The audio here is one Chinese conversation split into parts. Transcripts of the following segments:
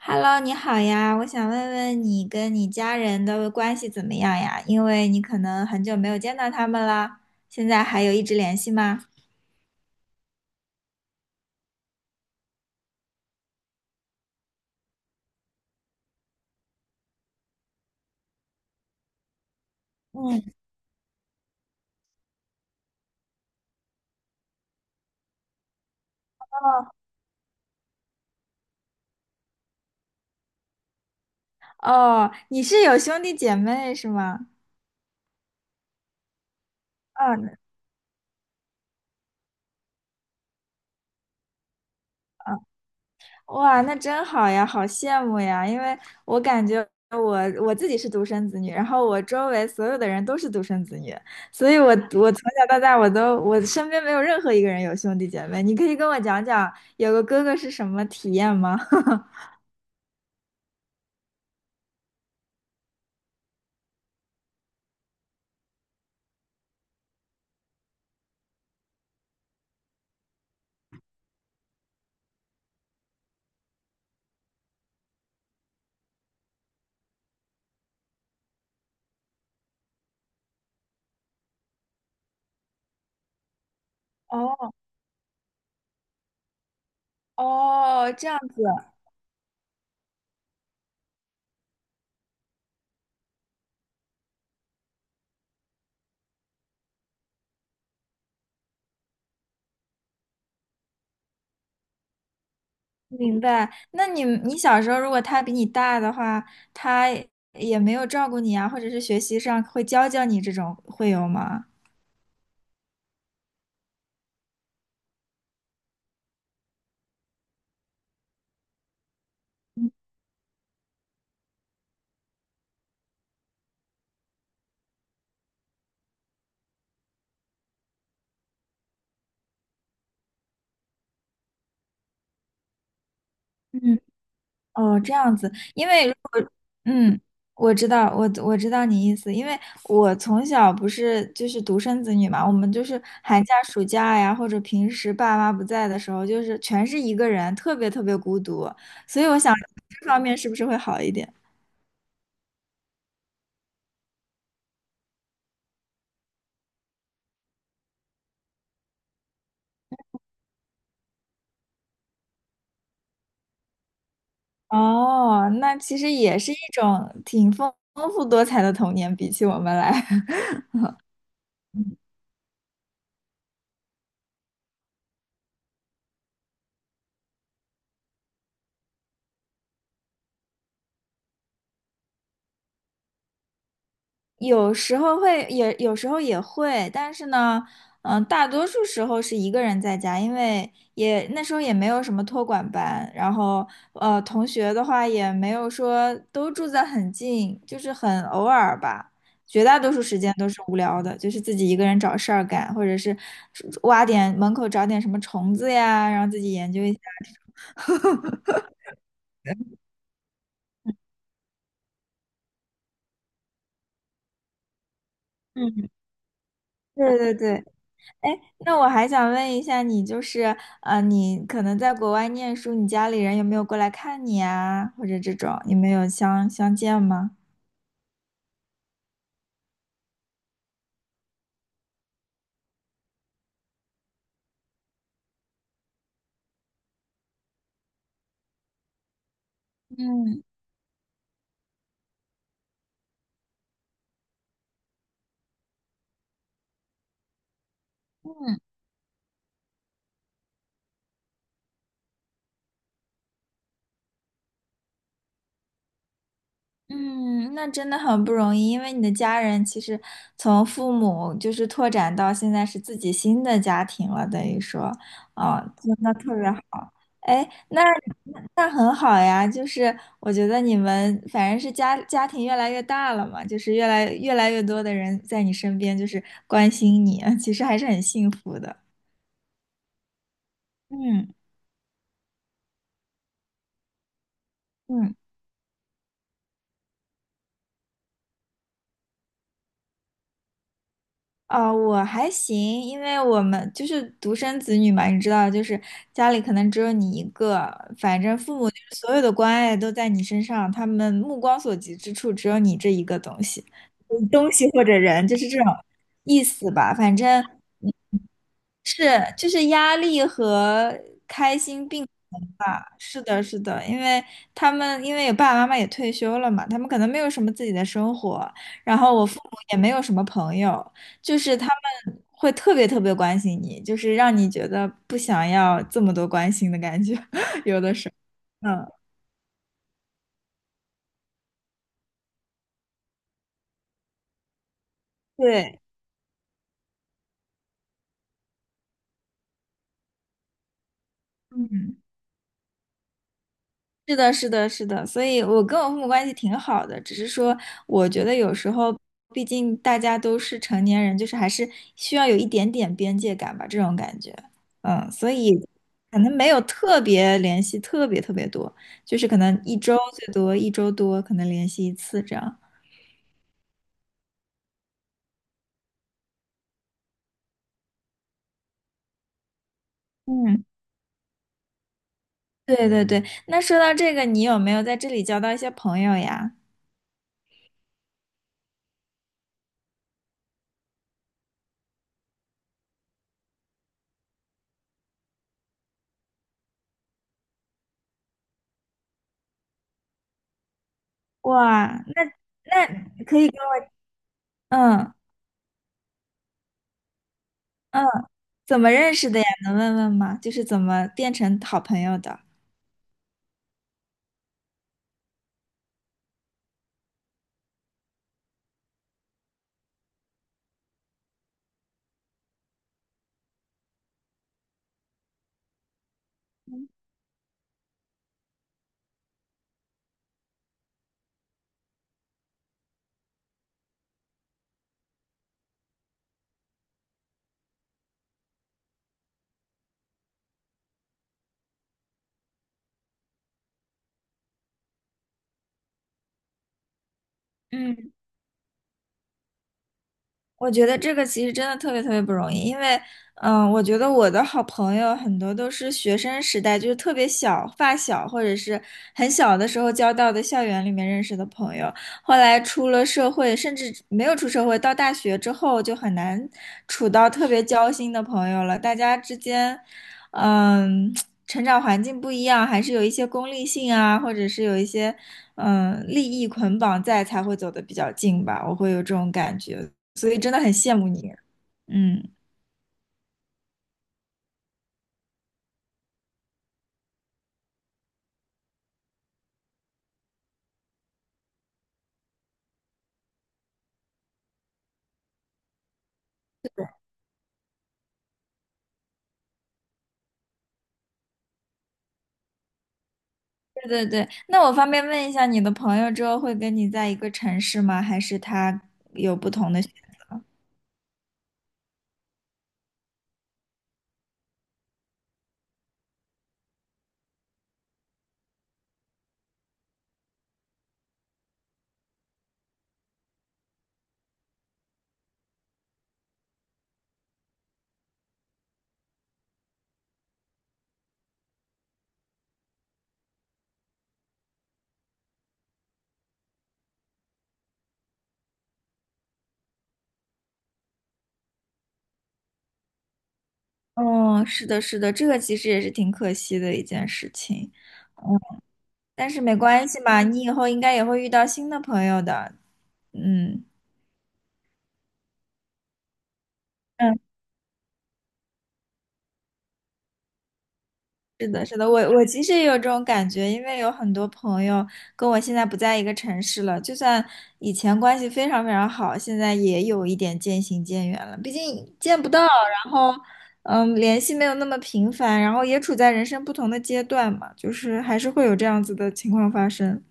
Hello，你好呀，我想问问你跟你家人的关系怎么样呀？因为你可能很久没有见到他们了，现在还有一直联系吗？嗯，哦，哦，你是有兄弟姐妹是吗？嗯嗯，哇，那真好呀，好羡慕呀，因为我感觉我我自己是独生子女，然后我周围所有的人都是独生子女，所以我从小到大我身边没有任何一个人有兄弟姐妹。你可以跟我讲讲有个哥哥是什么体验吗？哦哦，这样子，明白。那你小时候如果他比你大的话，他也没有照顾你啊，或者是学习上会教教你这种，会有吗？嗯，哦，这样子，因为如果嗯，我知道，我知道你意思，因为我从小不是就是独生子女嘛，我们就是寒假、暑假呀，或者平时爸妈不在的时候，就是全是一个人，特别特别孤独，所以我想这方面是不是会好一点？哦，那其实也是一种挺丰富多彩的童年，比起我们来，有时候会也有时候也会，但是呢，嗯，大多数时候是一个人在家，因为也那时候也没有什么托管班，然后同学的话也没有说都住在很近，就是很偶尔吧，绝大多数时间都是无聊的，就是自己一个人找事儿干，或者是挖点门口找点什么虫子呀，然后自己研究一下。嗯，对对对，哎，那我还想问一下你，就是你可能在国外念书，你家里人有没有过来看你啊，或者这种，你们有相见吗？嗯嗯，嗯，那真的很不容易，因为你的家人其实从父母就是拓展到现在是自己新的家庭了，等于说，啊、真的特别好。哎，那那很好呀，就是我觉得你们反正是家庭越来越大了嘛，就是越来越多的人在你身边，就是关心你，其实还是很幸福的。嗯嗯。啊，我还行，因为我们就是独生子女嘛，你知道，就是家里可能只有你一个，反正父母就是所有的关爱都在你身上，他们目光所及之处只有你这一个东西，东西或者人，就是这种意思吧。反正是就是压力和是的，是的，因为他们因为有爸爸妈妈也退休了嘛，他们可能没有什么自己的生活，然后我父母也没有什么朋友，就是他们会特别特别关心你，就是让你觉得不想要这么多关心的感觉。嗯，对，嗯。是的，是的，是的，所以我跟我父母关系挺好的，只是说我觉得有时候，毕竟大家都是成年人，就是还是需要有一点点边界感吧，这种感觉，嗯，所以可能没有特别联系，特别特别多，就是可能一周最多一周多可能联系一次这样。嗯，对对对。那说到这个，你有没有在这里交到一些朋友呀？哇，那可以跟我，嗯。嗯，怎么认识的呀？能问问吗？就是怎么变成好朋友的？嗯。我觉得这个其实真的特别特别不容易，因为，嗯，我觉得我的好朋友很多都是学生时代，就是特别小、发小，或者是很小的时候交到的校园里面认识的朋友，后来出了社会，甚至没有出社会，到大学之后就很难处到特别交心的朋友了。大家之间，嗯，成长环境不一样，还是有一些功利性啊，或者是有一些，嗯，利益捆绑在，才会走得比较近吧。我会有这种感觉。所以真的很羡慕你。嗯，对对对。那我方便问一下，你的朋友之后会跟你在一个城市吗？还是他有不同的选？哦，是的，是的，这个其实也是挺可惜的一件事情。嗯，但是没关系嘛，你以后应该也会遇到新的朋友的。嗯嗯。是的，是的，我其实也有这种感觉，因为有很多朋友跟我现在不在一个城市了，就算以前关系非常非常好，现在也有一点渐行渐远了。毕竟见不到，然后嗯，联系没有那么频繁，然后也处在人生不同的阶段嘛，就是还是会有这样子的情况发生。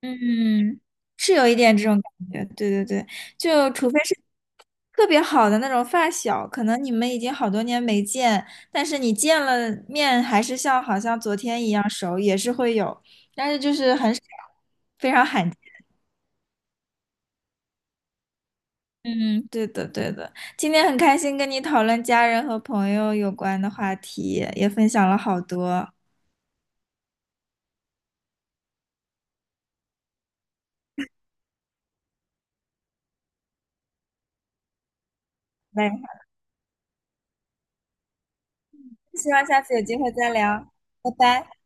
嗯，是有一点这种感觉，对对对，就除非是特别好的那种发小，可能你们已经好多年没见，但是你见了面还是像好像昨天一样熟，也是会有，但是就是很少，非常罕见。嗯，对的对的，今天很开心跟你讨论家人和朋友有关的话题，也分享了好多。那希望下次有机会再聊，拜拜。